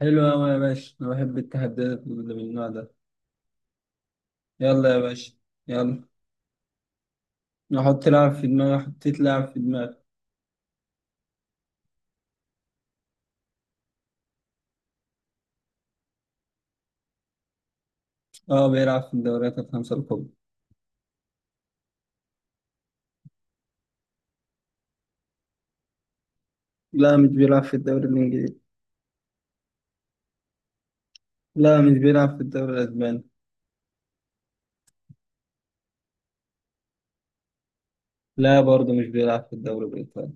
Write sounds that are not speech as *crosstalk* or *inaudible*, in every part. حلو أوي يا باشا، أنا بحب التحديات اللي من النوع ده. يلا يا باشا. يلا. أحط لاعب في دماغي. حطيت لاعب في دماغي. أه بيلعب في الدوريات الخمسة الكبرى. لا مش بيلعب في الدوري الإنجليزي. لا مش بيلعب في الدوري الأسباني. لا برضه مش بيلعب في الدوري الإيطالي.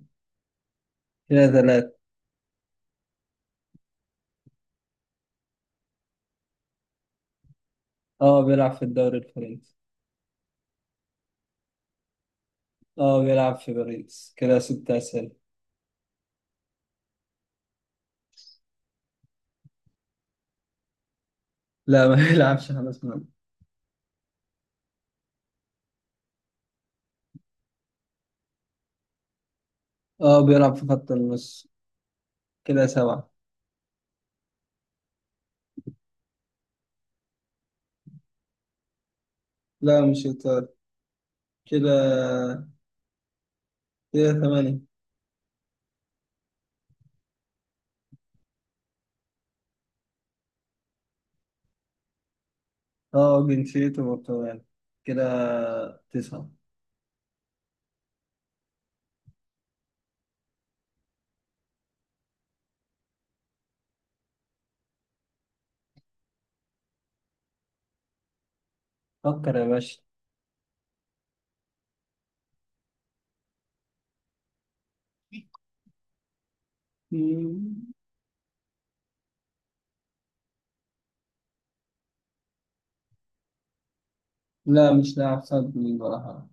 كده ثلاثة. أه بيلعب في الدوري الفرنسي. أه بيلعب في باريس، كده ستة أسئلة. لا ما *laughs* بيلعبش حارس مرمى. أه بيلعب في خط النص، كده سبعة. لا مش إيطالي كده. كده ثمانية. اه جنسيته برتغالي كده. تسعة. فكر يا باشا. مم. لا مش لاعب صد من ولا حاجة.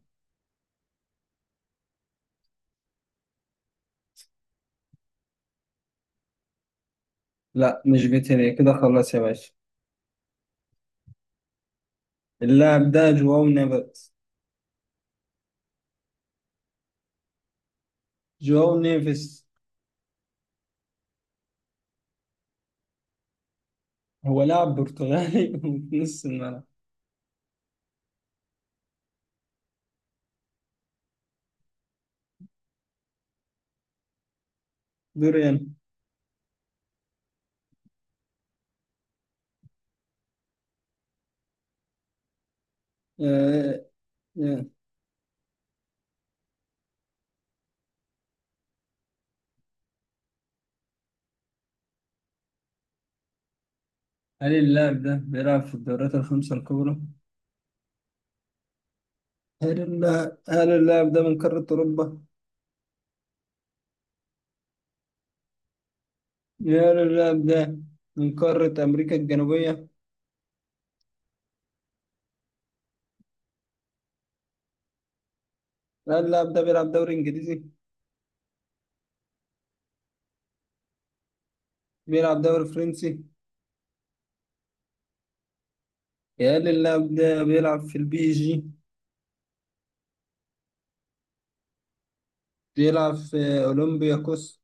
لا مش فيتينيا، كده خلاص يا باشا. اللاعب ده جواو نيفيس. جواو نيفيس هو لاعب برتغالي *laughs* في نص الملعب. دوريان. آه. آه. هل اللاعب ده بيلعب في الدوريات الخمسة الكبرى؟ هل اللاعب ده من قارة أوروبا؟ هل اللاعب ده من قارة أمريكا الجنوبية؟ هل اللاعب ده بيلعب دوري إنجليزي؟ بيلعب دوري فرنسي. يا اللي اللاعب ده بيلعب في البي اس جي. بيلعب في اولمبياكوس.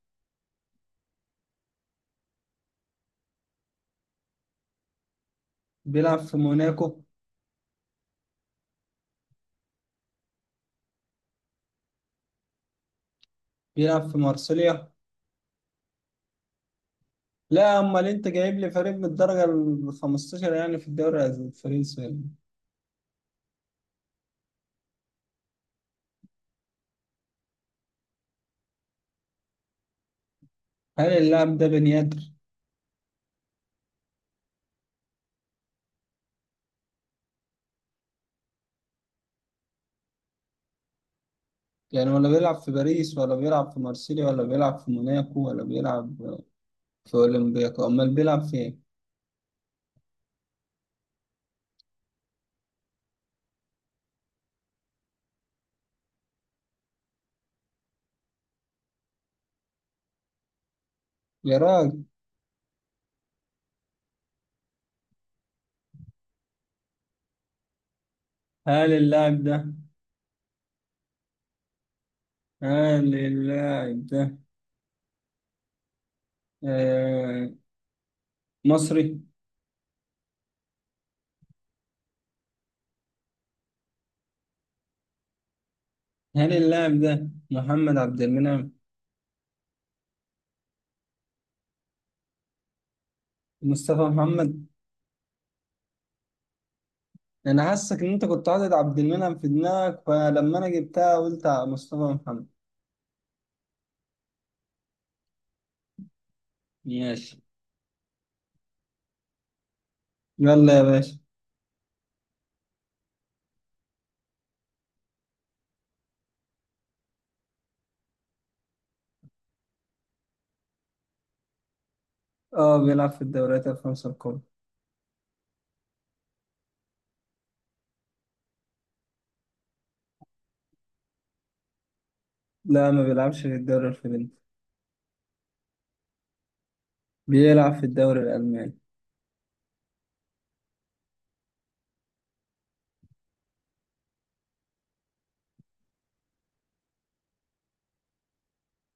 بيلعب في موناكو. بيلعب في مارسيليا. لا امال انت جايب لي فريق من الدرجه ال 15 يعني في الدوري الفرنسي يعني. هل اللاعب ده بنيادر؟ يعني ولا بيلعب في باريس، ولا بيلعب في مارسيليا، ولا بيلعب في موناكو، ولا بيلعب في اولمبياكو، امال بيلعب في ايه؟ يا راجل. هل اللاعب ده هل اللاعب ده آه، مصري؟ هل اللاعب ده محمد عبد المنعم؟ مصطفى محمد. انا حاسك ان انت كنت حاطط عبد المنعم في دماغك، فلما انا جبتها قلت على مصطفى محمد. ماشي. يلا يا باشا. اه بيلعب في الدوريات الخمسة الكبرى. لا ما بيلعبش في الدوري الفرنسي. بيلعب في الدوري الألماني.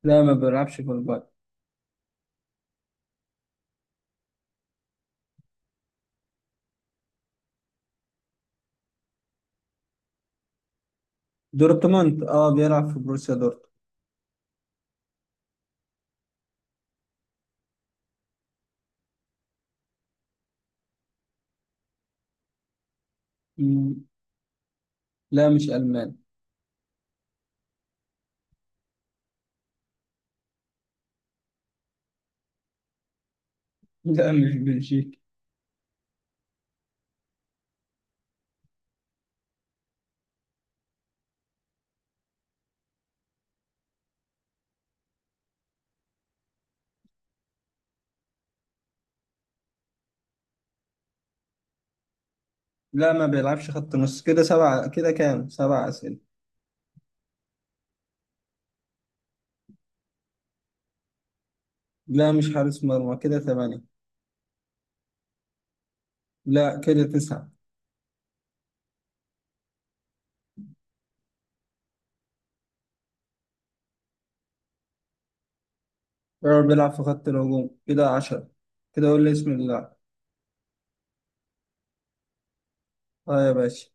لا ما بيلعبش في البايرن. دورتموند، اه بيلعب في بروسيا دورتموند. مم. لا مش ألماني. *laughs* لا مش بلجيكي. لا ما بيلعبش خط نص، كده سبعة، كده كام؟ سبعة أسئلة. لا مش حارس مرمى، كده ثمانية. لا، كده تسعة. بيراميدز، بيلعب في خط الهجوم، كده عشرة. كده قول لي اسم اللاعب. اه يا باشا.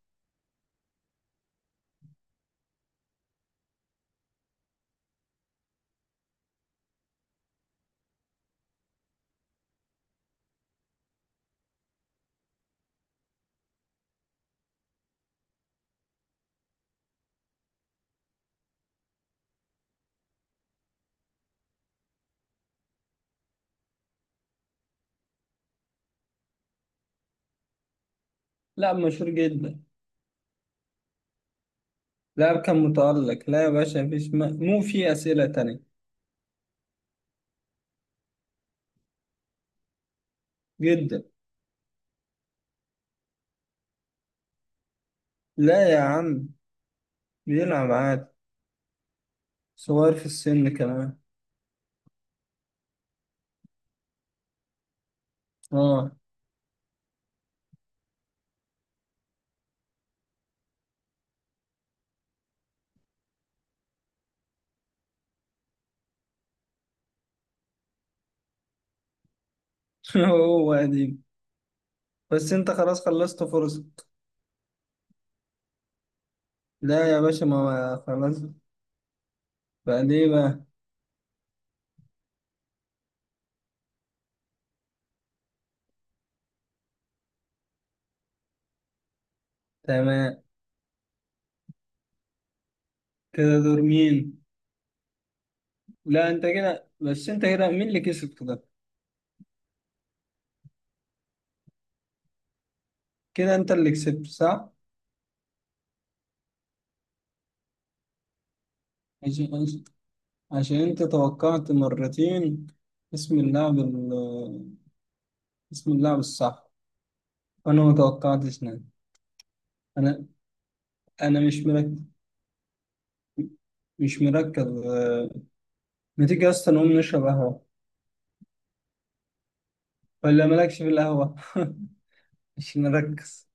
لاعب مشهور جدا. لاعب كان متألق. لا يا باشا، مفيش مو في أسئلة تانية. جدا. لا يا عم. بيلعب عادي. صغير في السن كمان. اه. *laughs* هو قديم بس انت خلاص خلصت فرصة. لا يا باشا خلاص. بعد ايه بقى؟ تمام. كده دور مين؟ لا انت كده، بس انت كده مين اللي كسب؟ كده كده انت اللي كسبت صح؟ ماشي. عشان انت توقعت مرتين اسم اسم اللاعب الصح، وانا ما توقعتش نادي. انا انا مش مركز. مش مركز. ما تيجي اصلا نقوم نشرب قهوة؟ ولا مالكش في القهوة؟ *laughs* مش مركز